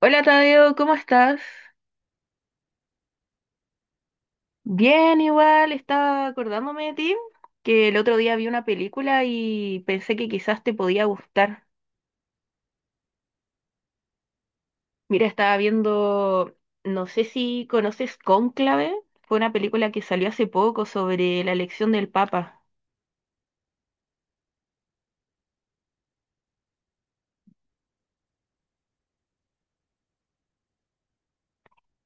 Hola Tadeo, ¿cómo estás? Bien, igual, estaba acordándome de ti, que el otro día vi una película y pensé que quizás te podía gustar. Mira, estaba viendo, no sé si conoces Cónclave, fue una película que salió hace poco sobre la elección del Papa.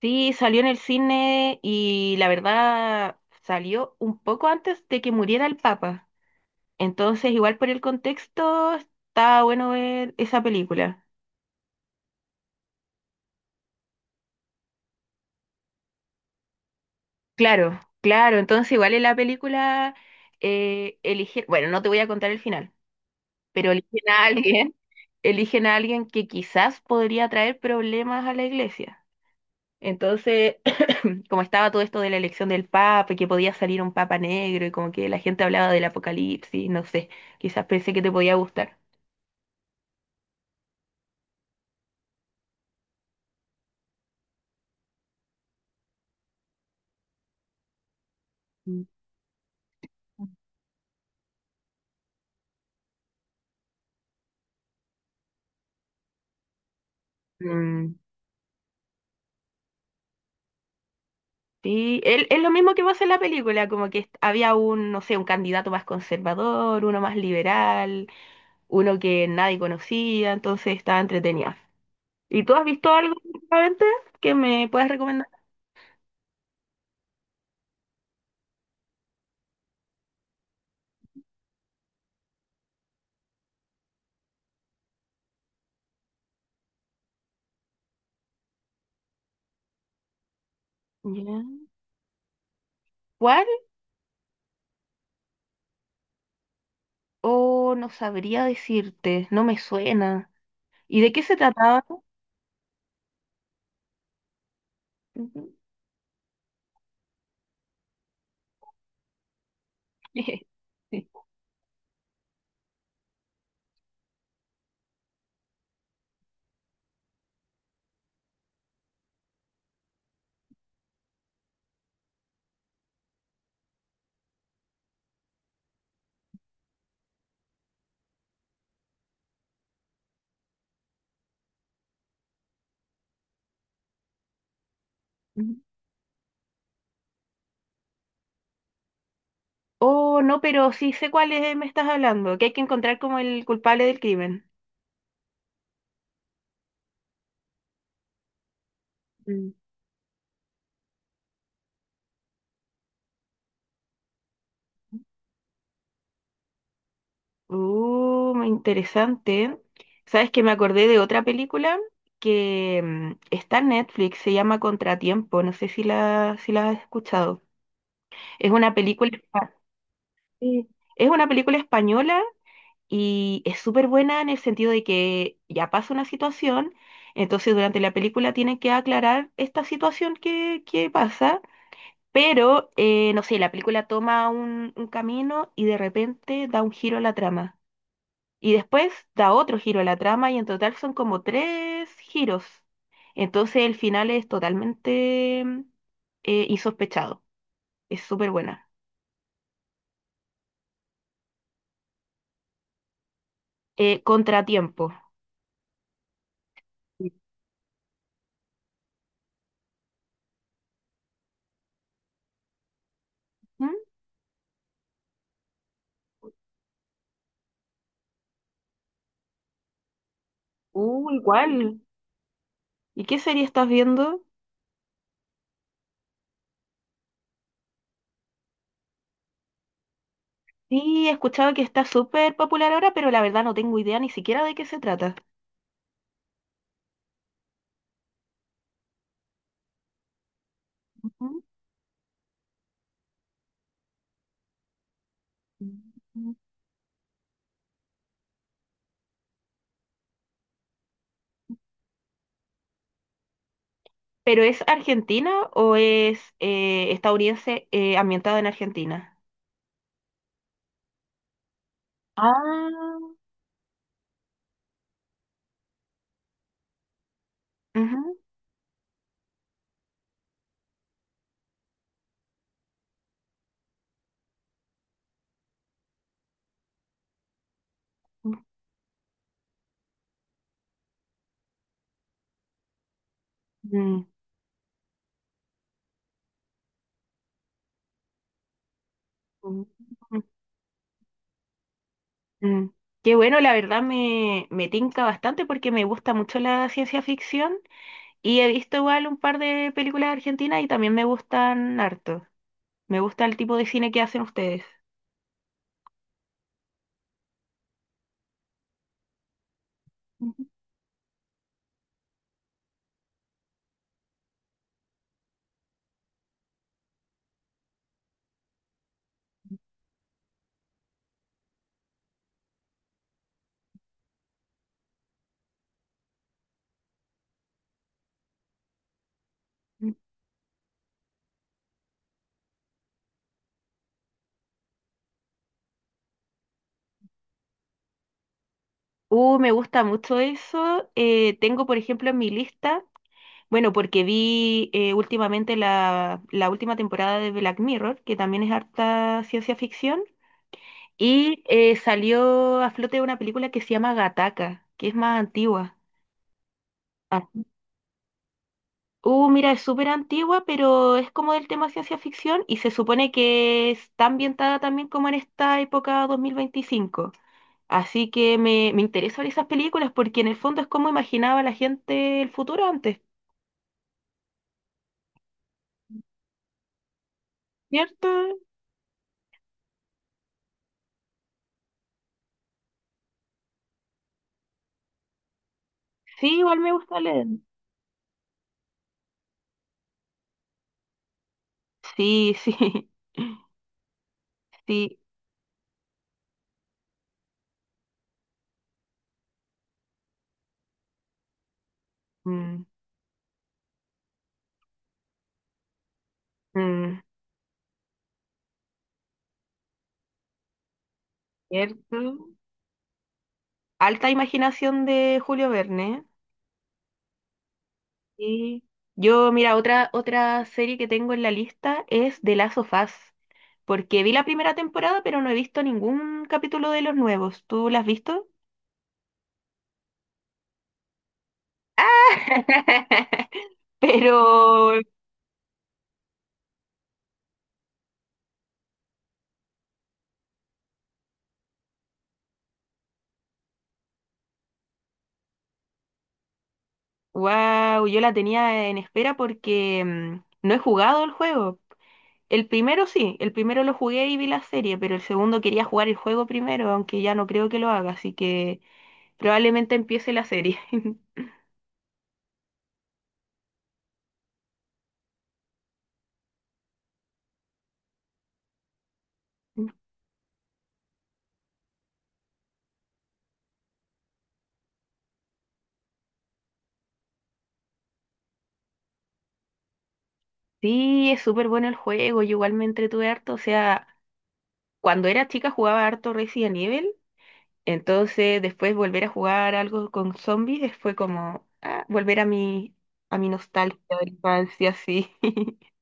Sí, salió en el cine y la verdad salió un poco antes de que muriera el Papa. Entonces, igual por el contexto, está bueno ver esa película. Claro, claro. Entonces, igual en la película eligen, bueno, no te voy a contar el final, pero eligen a alguien, eligen a alguien que quizás podría traer problemas a la iglesia. Entonces, como estaba todo esto de la elección del papa, y que podía salir un papa negro y como que la gente hablaba del apocalipsis, no sé, quizás pensé que te podía gustar. Mm. Mm, sí, es lo mismo que pasa en la película, como que había un, no sé, un candidato más conservador, uno más liberal, uno que nadie conocía, entonces estaba entretenida. ¿Y tú has visto algo últimamente que me puedas recomendar? Ya. ¿Cuál? Oh, no sabría decirte, no me suena. ¿Y de qué se trataba? Ujú. Sí. Ujú. Oh, no, pero sí sé cuál es, me estás hablando, que hay que encontrar como el culpable del crimen. Mm. Muy interesante. ¿Sabes que me acordé de otra película que está en Netflix, se llama Contratiempo, no sé si la, si la has escuchado? Es una película, sí, es una película española y es súper buena en el sentido de que ya pasa una situación, entonces durante la película tienen que aclarar esta situación que pasa, pero no sé, la película toma un camino y de repente da un giro a la trama. Y después da otro giro a la trama y en total son como tres giros. Entonces el final es totalmente insospechado. Es súper buena. Contratiempo. Mm. Igual. ¿Y qué serie estás viendo? Sí, he escuchado que está súper popular ahora, pero la verdad no tengo idea ni siquiera de qué se trata. Ujú. Mm. ¿Pero es argentina o es estadounidense ambientada en Argentina? Ah, ujú. Mm, mm, mm, mm. Qué bueno, la verdad me, me tinca bastante porque me gusta mucho la ciencia ficción y he visto igual un par de películas argentinas y también me gustan harto. Me gusta el tipo de cine que hacen ustedes. Ujú. Me gusta mucho eso. Tengo, por ejemplo, en mi lista, bueno, porque vi últimamente la, la última temporada de Black Mirror, que también es harta ciencia ficción, y salió a flote una película que se llama Gataca, que es más antigua. Ah. Mira, es súper antigua, pero es como del tema ciencia ficción y se supone que está ambientada también como en esta época 2025. Así que me interesan esas películas porque en el fondo es como imaginaba la gente el futuro antes, ¿cierto? Sí, igual me gusta leer. Sí, sí, sí. Mm, mm, ¿cierto? Alta imaginación de Julio Verne. Y yo, mira, otra, otra serie que tengo en la lista es The Last of Us, porque vi la primera temporada, pero no he visto ningún capítulo de los nuevos. ¿Tú las has visto? Pero wow, yo la tenía en espera porque no he jugado el juego. El primero sí, el primero lo jugué y vi la serie, pero el segundo quería jugar el juego primero, aunque ya no creo que lo haga, así que probablemente empiece la serie. Sí, es súper bueno el juego, yo igual me entretuve harto, o sea, cuando era chica jugaba harto Resident Evil, entonces después volver a jugar algo con zombies fue como ah, volver a mi nostalgia de la infancia, sí.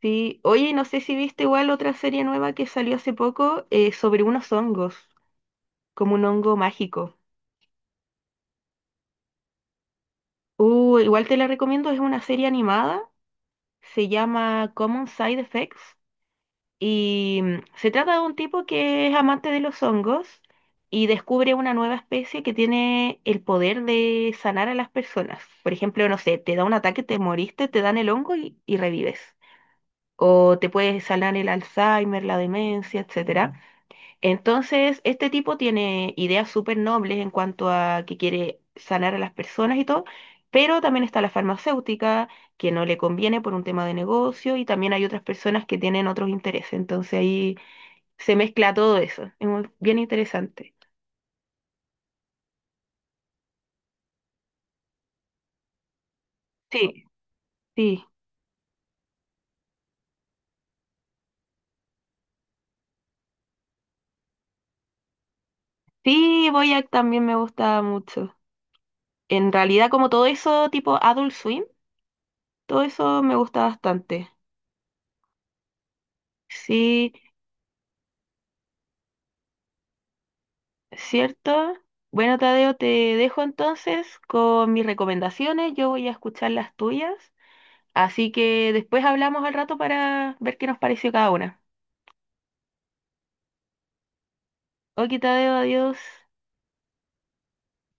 Sí, oye, no sé si viste igual otra serie nueva que salió hace poco sobre unos hongos, como un hongo mágico. Igual te la recomiendo, es una serie animada, se llama Common Side Effects y se trata de un tipo que es amante de los hongos y descubre una nueva especie que tiene el poder de sanar a las personas. Por ejemplo, no sé, te da un ataque, te moriste, te dan el hongo y revives. O te puede sanar el Alzheimer, la demencia, etcétera. Entonces, este tipo tiene ideas súper nobles en cuanto a que quiere sanar a las personas y todo, pero también está la farmacéutica, que no le conviene por un tema de negocio, y también hay otras personas que tienen otros intereses. Entonces ahí se mezcla todo eso. Es bien interesante. Sí, sí. Sí, Boyac también me gusta mucho. En realidad, como todo eso tipo Adult Swim, todo eso me gusta bastante. Sí. ¿Cierto? Bueno, Tadeo, te dejo entonces con mis recomendaciones. Yo voy a escuchar las tuyas. Así que después hablamos al rato para ver qué nos pareció cada una. Ok, Tadeo, adiós.